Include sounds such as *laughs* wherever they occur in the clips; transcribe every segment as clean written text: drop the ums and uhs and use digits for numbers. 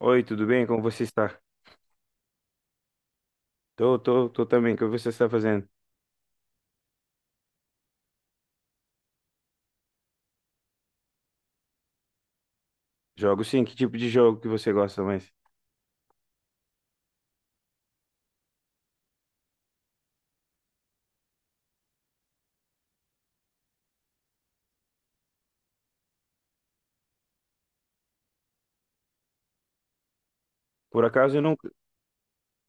Oi, tudo bem? Como você está? Tô, tô, tô também. O que você está fazendo? Jogo sim. Que tipo de jogo que você gosta mais? Por acaso eu nunca,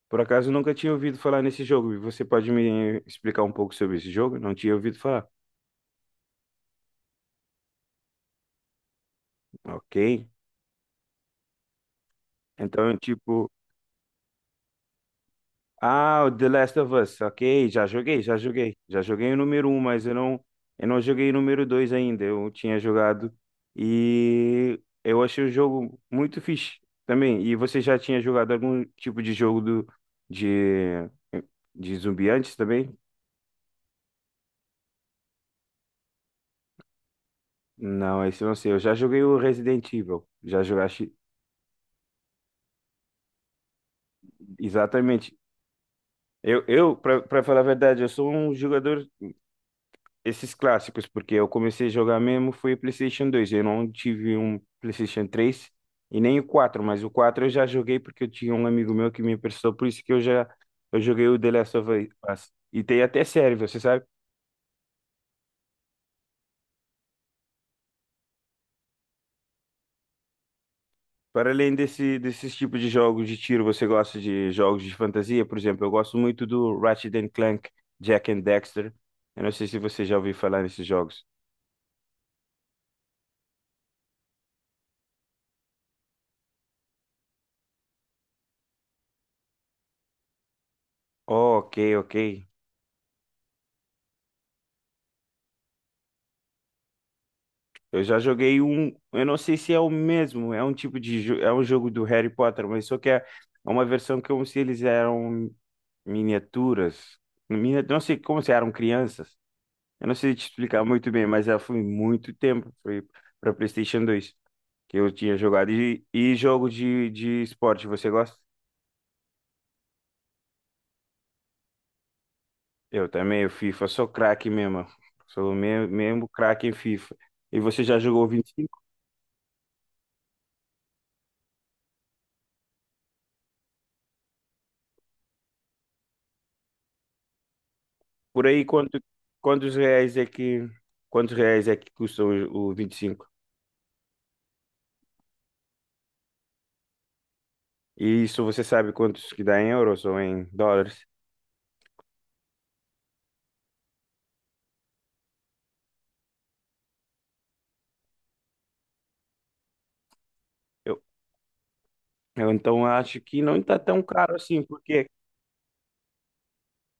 por acaso eu nunca tinha ouvido falar nesse jogo. Você pode me explicar um pouco sobre esse jogo? Não tinha ouvido falar. Ok. Então, tipo, ah, o The Last of Us, ok, já joguei, já joguei. Já joguei o número um, mas eu não joguei o número 2 ainda. Eu tinha jogado e eu achei o jogo muito fixe também. E você já tinha jogado algum tipo de jogo de, de zumbi antes também? Não, esse eu não sei. Eu já joguei o Resident Evil. Já jogaste Exatamente. Eu, para falar a verdade, eu sou um jogador esses clássicos, porque eu comecei a jogar mesmo foi o PlayStation 2. Eu não tive um PlayStation 3 e nem o quatro, mas o 4 eu já joguei porque eu tinha um amigo meu que me emprestou, por isso que eu já eu joguei o The Last of Us. E tem até série, você sabe? Para além desse, desses tipos de jogos de tiro, você gosta de jogos de fantasia? Por exemplo, eu gosto muito do Ratchet and Clank, Jack and Dexter. Eu não sei se você já ouviu falar nesses jogos. Oh, ok, ok. Eu já joguei um, eu não sei se é o mesmo, é um tipo de, é um jogo do Harry Potter, mas só que é uma versão como se eles eram miniaturas, não sei, como se eram crianças. Eu não sei te explicar muito bem, mas já foi muito tempo, foi para PlayStation 2 que eu tinha jogado. E, e jogo de esporte, você gosta? Eu também, o FIFA, sou craque mesmo, sou mesmo craque em FIFA. E você já jogou 20? Por aí, quanto, quantos reais é que, quantos reais é que custam o 25? E cinco? E isso você sabe quantos que dá em euros ou em dólares? Eu, eu então acho que não está tão caro assim, porque,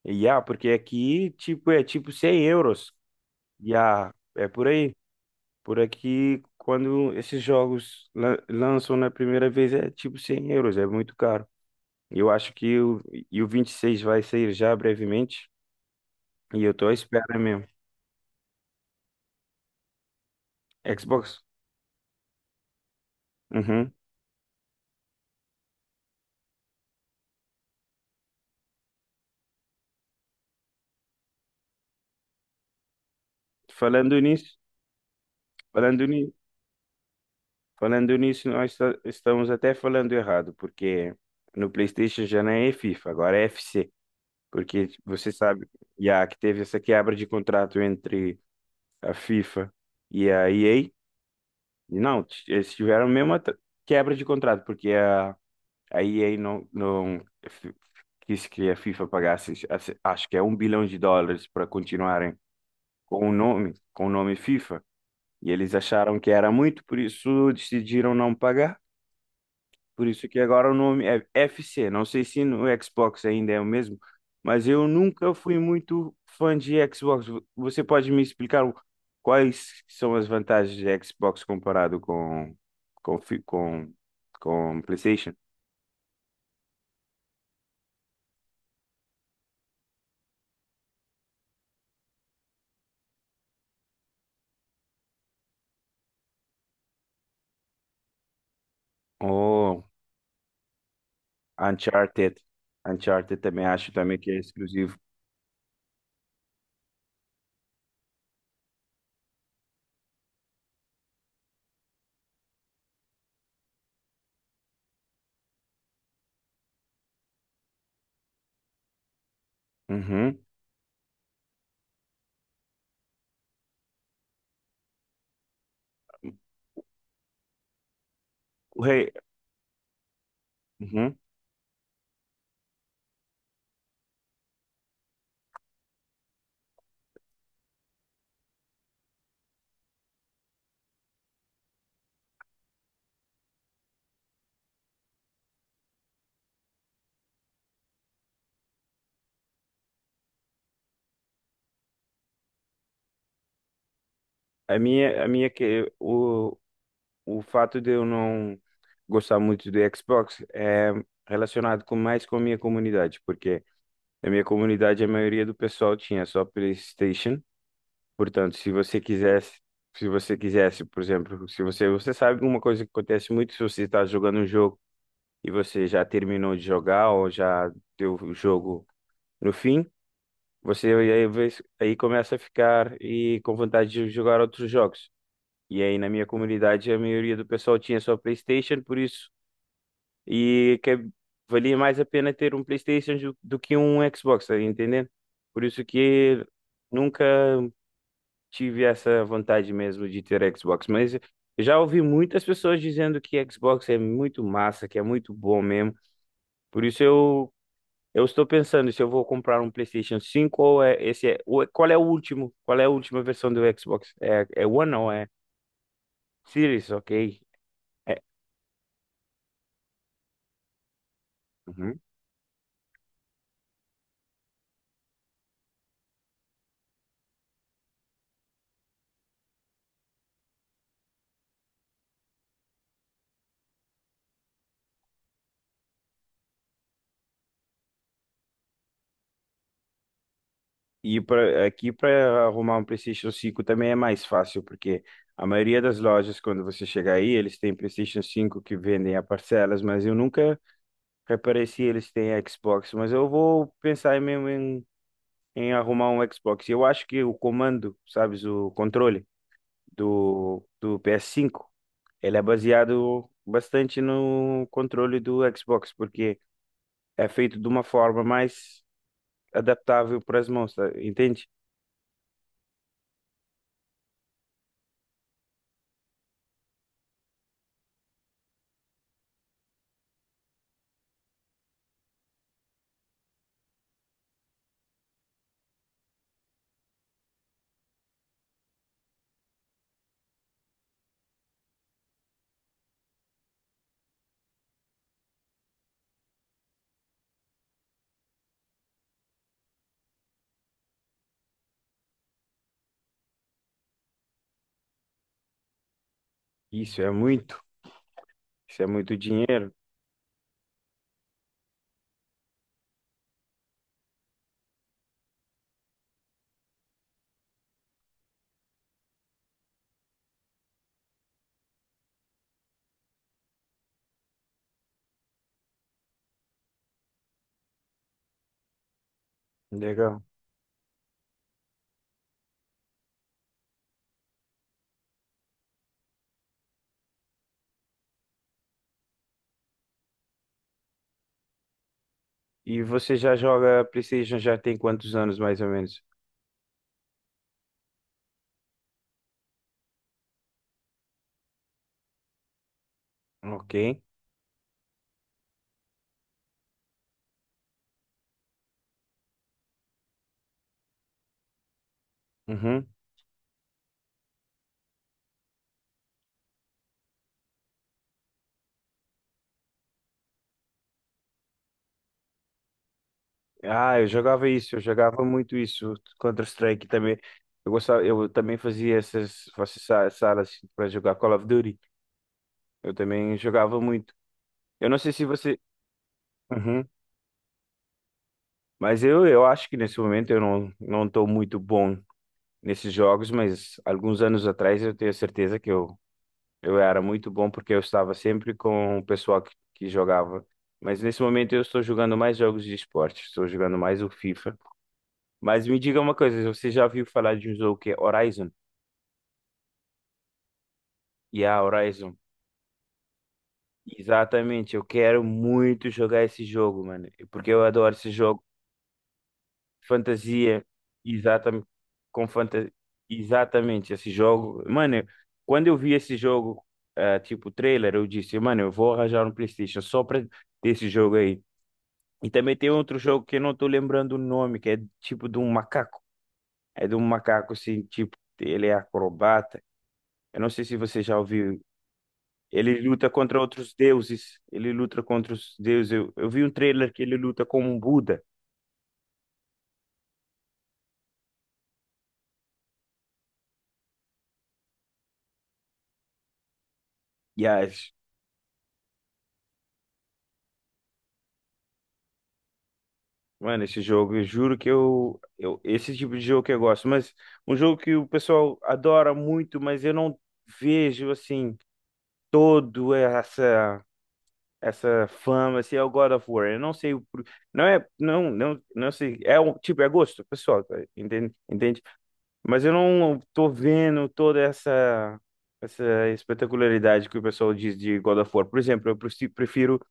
yeah, porque aqui, tipo, é tipo 100 euros. Yeah, é por aí. Por aqui, quando esses jogos lançam na primeira vez, é tipo 100 euros, é muito caro. Eu acho que o, e o 26 vai sair já brevemente, e eu tô à espera mesmo. Xbox? Uhum. Falando nisso, falando nisso, falando nisso, nós estamos até falando errado, porque no PlayStation já não é FIFA, agora é FC, porque você sabe, já que teve essa quebra de contrato entre a FIFA e a EA. Não, eles tiveram a mesma quebra de contrato, porque a EA não, quis que a FIFA pagasse, acho que é 1 bilhão de dólares para continuarem com o nome FIFA. E eles acharam que era muito, por isso decidiram não pagar. Por isso que agora o nome é FC. Não sei se no Xbox ainda é o mesmo, mas eu nunca fui muito fã de Xbox. Você pode me explicar quais são as vantagens de Xbox comparado com com fi- com, com PlayStation? Oh, Uncharted. Uncharted também, acho também que é exclusivo. Uhum. O rei, uhum. A minha que o fato de eu não gostar muito do Xbox é relacionado com mais com a minha comunidade, porque na minha comunidade a maioria do pessoal tinha só PlayStation. Portanto, se você quisesse, se você quisesse, por exemplo, se você, você sabe, uma coisa que acontece muito se você está jogando um jogo e você já terminou de jogar ou já deu o jogo no fim, você aí, aí começa a ficar e com vontade de jogar outros jogos. E aí, na minha comunidade, a maioria do pessoal tinha só PlayStation, por isso e que valia mais a pena ter um PlayStation do que um Xbox, tá entendendo? Por isso que nunca tive essa vontade mesmo de ter Xbox, mas eu já ouvi muitas pessoas dizendo que Xbox é muito massa, que é muito bom mesmo. Por isso eu estou pensando se eu vou comprar um PlayStation 5 ou é esse é, qual é o último? Qual é a última versão do Xbox? É, é One ou é Series, ok? É. Hum. E pra, aqui para arrumar um PlayStation 5 também é mais fácil, porque a maioria das lojas, quando você chegar aí, eles têm PlayStation 5 que vendem a parcelas, mas eu nunca reparei se eles têm Xbox. Mas eu vou pensar mesmo em, em arrumar um Xbox. Eu acho que o comando, sabes, o controle do PS 5 ele é baseado bastante no controle do Xbox, porque é feito de uma forma mais adaptável para as mãos, tá? Entende? Isso é muito, isso é muito dinheiro. Legal. E você já joga PlayStation já tem quantos anos, mais ou menos? Ok. Uhum. Ah, eu jogava isso, eu jogava muito isso, Counter-Strike também. Eu gostava, eu também fazia essas, essas salas para jogar Call of Duty. Eu também jogava muito. Eu não sei se você. Uhum. Mas eu acho que nesse momento eu não, não estou muito bom nesses jogos, mas alguns anos atrás eu tenho certeza que eu era muito bom porque eu estava sempre com o pessoal que jogava. Mas nesse momento eu estou jogando mais jogos de esporte, estou jogando mais o FIFA. Mas me diga uma coisa, você já ouviu falar de um jogo que é Horizon? Yeah, Horizon. Exatamente, eu quero muito jogar esse jogo, mano, porque eu adoro esse jogo. Fantasia, exatamente, com fantasia, exatamente esse jogo. Mano, quando eu vi esse jogo, ah, tipo trailer, eu disse, mano, eu vou arranjar um PlayStation só para esse jogo aí. E também tem outro jogo que eu não tô lembrando o nome, que é tipo de um macaco. É de um macaco assim, tipo, ele é acrobata. Eu não sei se você já ouviu. Ele luta contra outros deuses. Ele luta contra os deuses. Eu vi um trailer que ele luta com um Buda. E as, mano, esse jogo, eu juro que eu, eu. Esse tipo de jogo que eu gosto. Mas um jogo que o pessoal adora muito, mas eu não vejo assim, todo essa fama, se é o God of War. Eu não sei o. Não é. Não, não, não sei. É um tipo, é gosto pessoal, tá? Entende? Entende? Mas eu não tô vendo toda essa, essa espetacularidade que o pessoal diz de God of War. Por exemplo, eu prefiro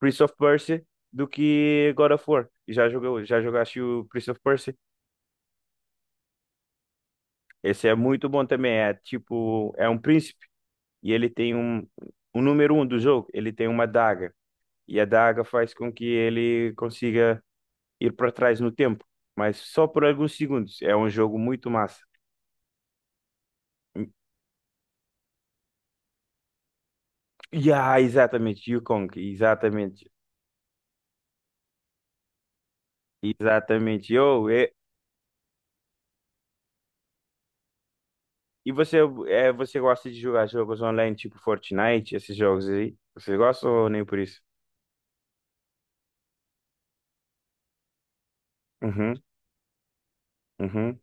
Prince of Persia do que God of War. Já jogou, já jogaste o Prince of Persia? Esse é muito bom também. É tipo, é um príncipe e ele tem um, o número um do jogo. Ele tem uma daga e a daga faz com que ele consiga ir para trás no tempo, mas só por alguns segundos. É um jogo muito massa. Yeah, exatamente, Yukong, exatamente, exatamente. Oh, e você, é, você gosta de jogar jogos online tipo Fortnite, esses jogos aí? Você gosta ou nem por isso? Uhum, uhum.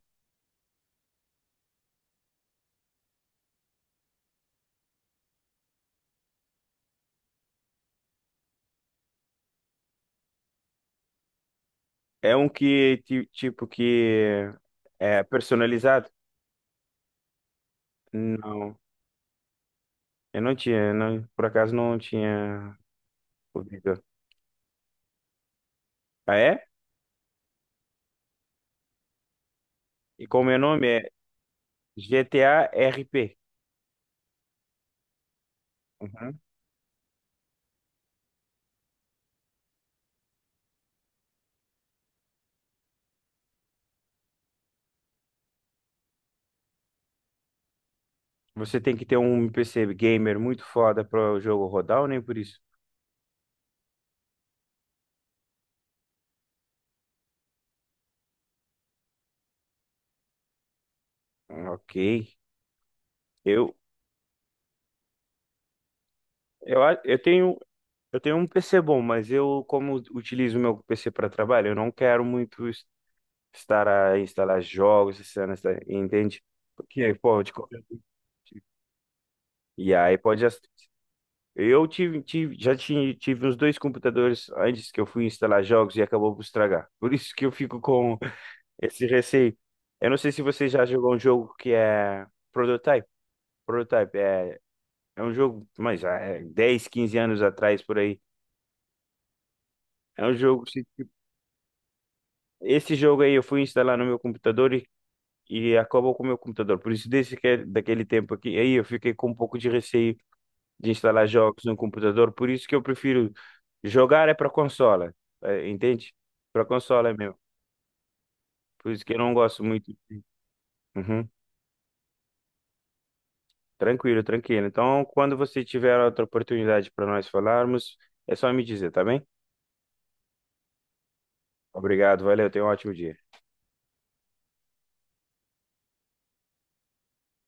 É um que, tipo, que é personalizado? Não, eu não tinha, não, por acaso não tinha ouvido. Ah, é? E como é o nome? É GTA RP. Você tem que ter um PC gamer muito foda para o jogo rodar ou nem por isso? Ok. Eu, eu, eu tenho um PC bom, mas eu, como utilizo meu PC para trabalho, eu não quero muito estar a instalar jogos, essas cenas, tá? Entende? Porque, pô, de qualquer. E aí pode. Eu já tive uns dois computadores antes que eu fui instalar jogos e acabou por estragar. Por isso que eu fico com *laughs* esse receio. Eu não sei se você já jogou um jogo que é Prototype. Prototype, é, é um jogo, mas já é 10, 15 anos atrás por aí. É um jogo. Esse jogo aí eu fui instalar no meu computador e acabou com o meu computador. Por isso, desde que, daquele tempo aqui, aí eu fiquei com um pouco de receio de instalar jogos no computador. Por isso que eu prefiro jogar é para consola, é, entende? Para consola mesmo. Por isso que eu não gosto muito. Uhum. Tranquilo, tranquilo. Então, quando você tiver outra oportunidade para nós falarmos, é só me dizer, tá bem? Obrigado, valeu, tenha um ótimo dia.